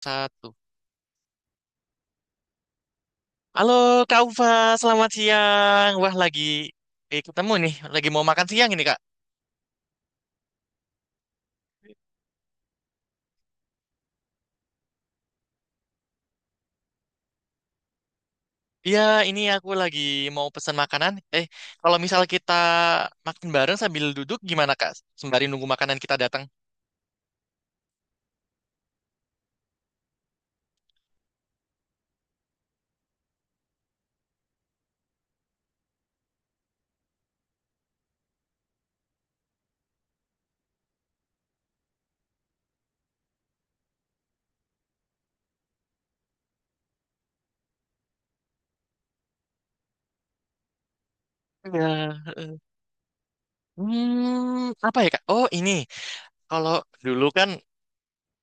Satu. Halo Kak Ufa, selamat siang. Wah lagi ketemu nih, lagi mau makan siang ini Kak. Iya, ini aku lagi mau pesan makanan. Kalau misal kita makan bareng sambil duduk gimana Kak? Sembari nunggu makanan kita datang. Iya. eh. Apa ya Kak? Oh ini, kalau dulu kan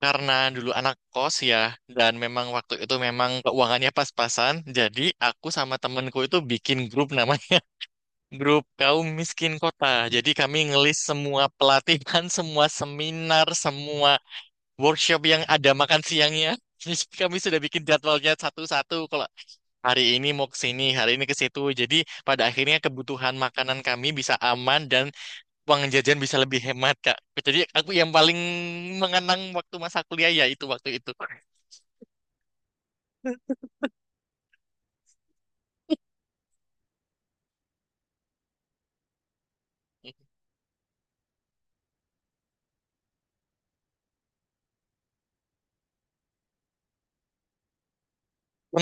karena dulu anak kos ya, dan memang waktu itu memang keuangannya pas-pasan, jadi aku sama temenku itu bikin grup namanya. Grup kaum miskin kota. Jadi kami ngelis semua pelatihan, semua seminar, semua workshop yang ada makan siangnya. Jadi kami sudah bikin jadwalnya satu-satu. Kalau hari ini mau ke sini, hari ini ke situ. Jadi pada akhirnya kebutuhan makanan kami bisa aman dan uang jajan bisa lebih hemat, Kak. Jadi aku yang paling mengenang waktu masa kuliah ya itu waktu itu.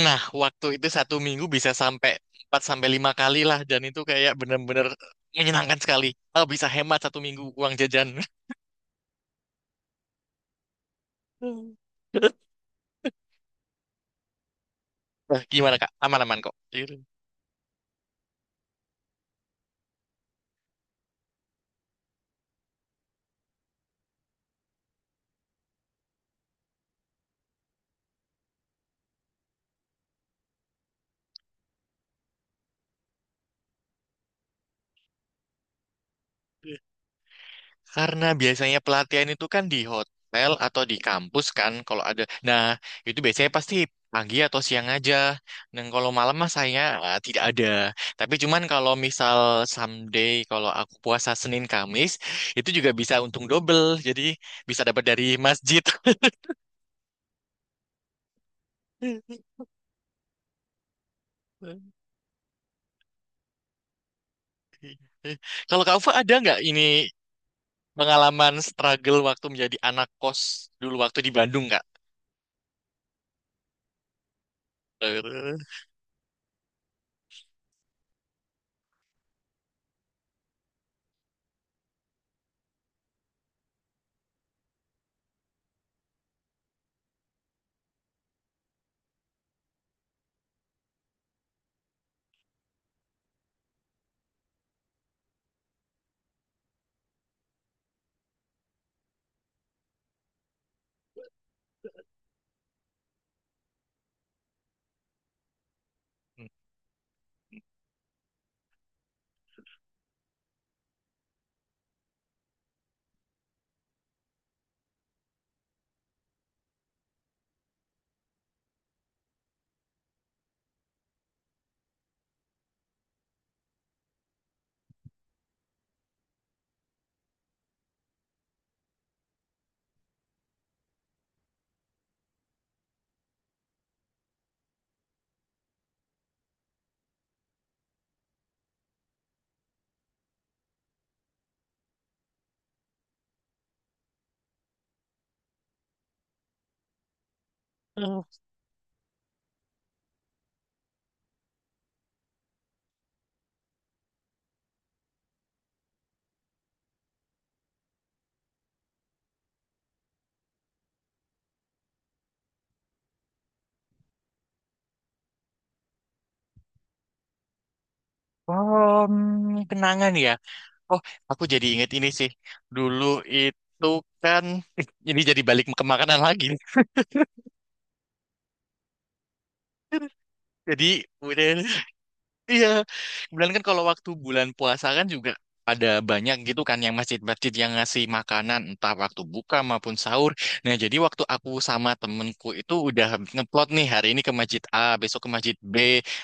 Nah, waktu itu satu minggu bisa sampai 4 sampai 5 kali lah dan itu kayak bener-bener menyenangkan sekali. Oh, bisa hemat satu minggu uang jajan. Nah, gimana Kak? Aman-aman kok. Gitu. Karena biasanya pelatihan itu kan di hotel atau di kampus kan kalau ada. Nah, itu biasanya pasti pagi atau siang aja. Dan kalau malam mah saya tidak ada. Tapi cuman kalau misal someday kalau aku puasa Senin Kamis, itu juga bisa untung double. Jadi bisa dapat dari masjid. Kalau kamu ada nggak ini pengalaman struggle waktu menjadi anak kos dulu waktu di Bandung kak? Oh, kenangan ya. Oh, aku jadi inget ini sih. Dulu itu kan ini jadi balik ke makanan lagi. Jadi udah Iya, kemudian kan kalau waktu bulan puasa kan juga ada banyak gitu kan yang masjid-masjid yang ngasih makanan entah waktu buka maupun sahur. Nah, jadi waktu aku sama temenku itu udah ngeplot nih hari ini ke masjid A, besok ke masjid B,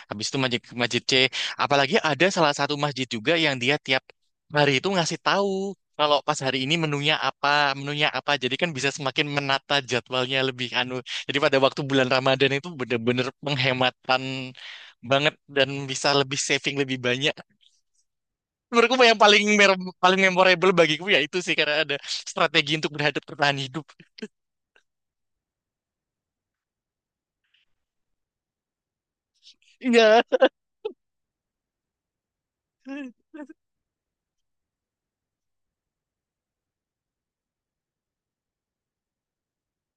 habis itu masjid ke masjid C. Apalagi ada salah satu masjid juga yang dia tiap hari itu ngasih tahu kalau pas hari ini menunya apa, menunya apa. Jadi kan bisa semakin menata jadwalnya lebih anu. Jadi pada waktu bulan Ramadan itu bener-bener penghematan banget dan bisa lebih saving lebih banyak. Menurutku yang paling paling memorable bagiku ya itu sih karena ada strategi untuk bertahan hidup. Iya.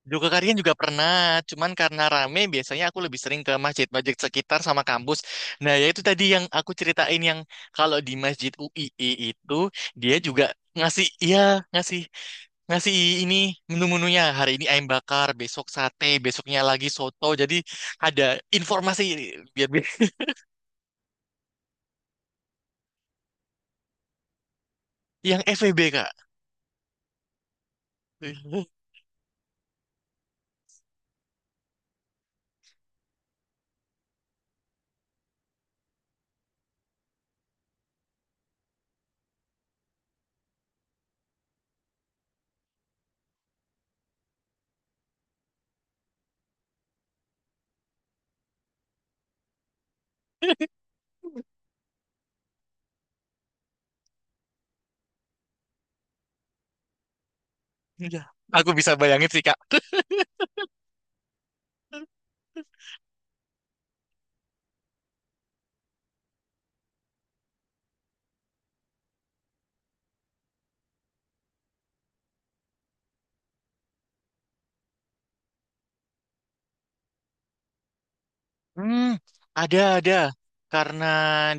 Juga kalian juga pernah, cuman karena rame biasanya aku lebih sering ke masjid-masjid sekitar sama kampus. Nah, ya itu tadi yang aku ceritain yang kalau di Masjid UII itu dia juga ngasih, iya, ngasih ngasih ini menu-menunya hari ini ayam bakar, besok sate, besoknya lagi soto. Jadi ada informasi biar... Yang FEB, Kak. Iya. Aku bisa bayangin sih, Kak. Hmm, ada, ada. Karena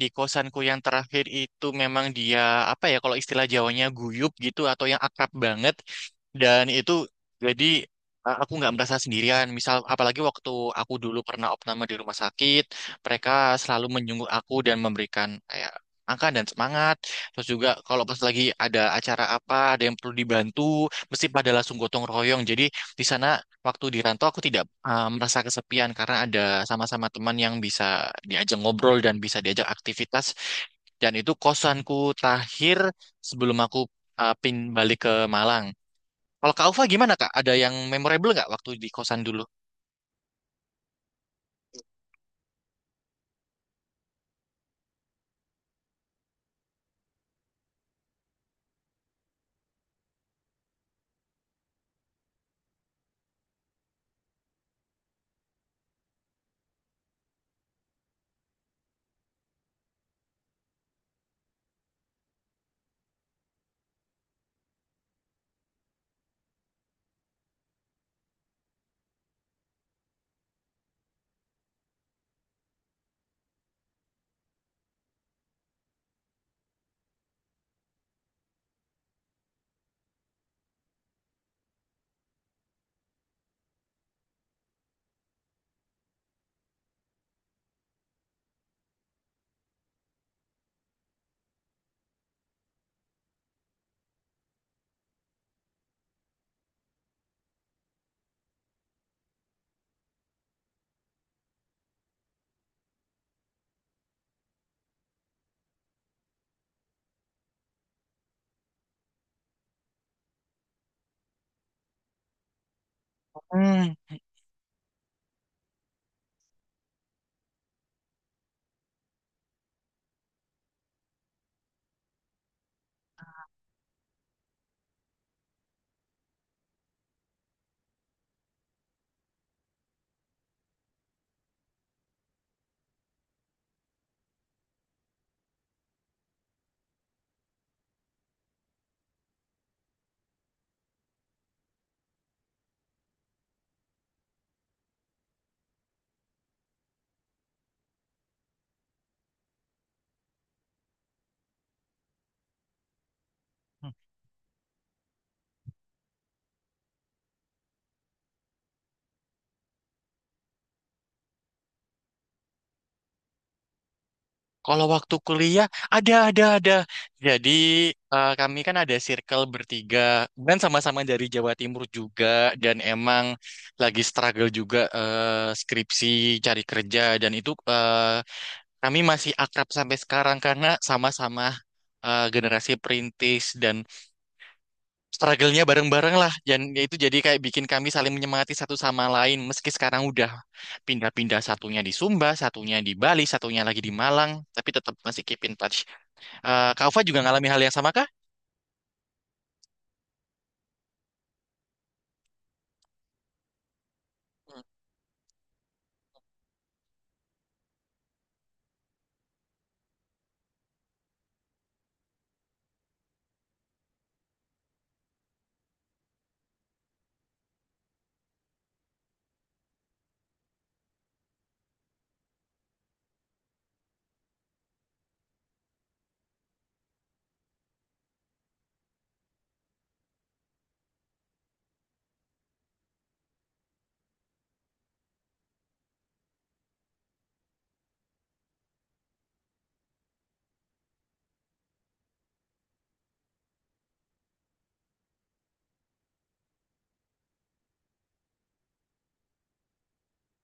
di kosanku yang terakhir itu memang dia, apa ya, kalau istilah Jawanya guyup gitu, atau yang akrab banget. Dan itu, jadi aku nggak merasa sendirian. Misal, apalagi waktu aku dulu pernah opname di rumah sakit, mereka selalu menjenguk aku dan memberikan kayak angka dan semangat. Terus juga kalau pas lagi ada acara apa, ada yang perlu dibantu, mesti pada langsung gotong royong. Jadi di sana. Waktu di rantau aku tidak merasa kesepian karena ada sama-sama teman yang bisa diajak ngobrol dan bisa diajak aktivitas. Dan itu kosanku terakhir sebelum aku pin balik ke Malang. Kalau Kak Ufa gimana Kak? Ada yang memorable nggak waktu di kosan dulu? Hmm. Kalau waktu kuliah ada, ada, ada. Jadi kami kan ada circle bertiga dan sama-sama dari Jawa Timur juga dan emang lagi struggle juga skripsi cari kerja dan itu kami masih akrab sampai sekarang karena sama-sama generasi perintis dan struggle-nya bareng-bareng lah. Dan ya itu jadi kayak bikin kami saling menyemangati satu sama lain. Meski sekarang udah pindah-pindah satunya di Sumba, satunya di Bali, satunya lagi di Malang, tapi tetap masih keep in touch. Kak Ufa juga ngalami hal yang sama kah?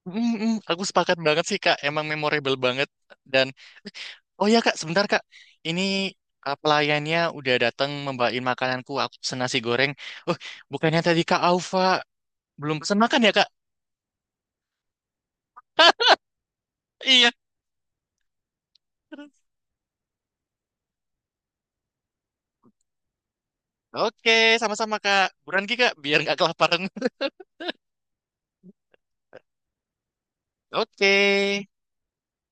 Aku sepakat banget sih Kak, emang memorable banget dan... Oh iya kak, sebentar kak. Ini pelayannya udah datang membawain makananku. Aku pesen nasi goreng. Oh, bukannya tadi kak Alfa belum pesen makan ya kak? Iya. Oke, sama-sama kak. Buruan kak, biar nggak kelaparan. Oke.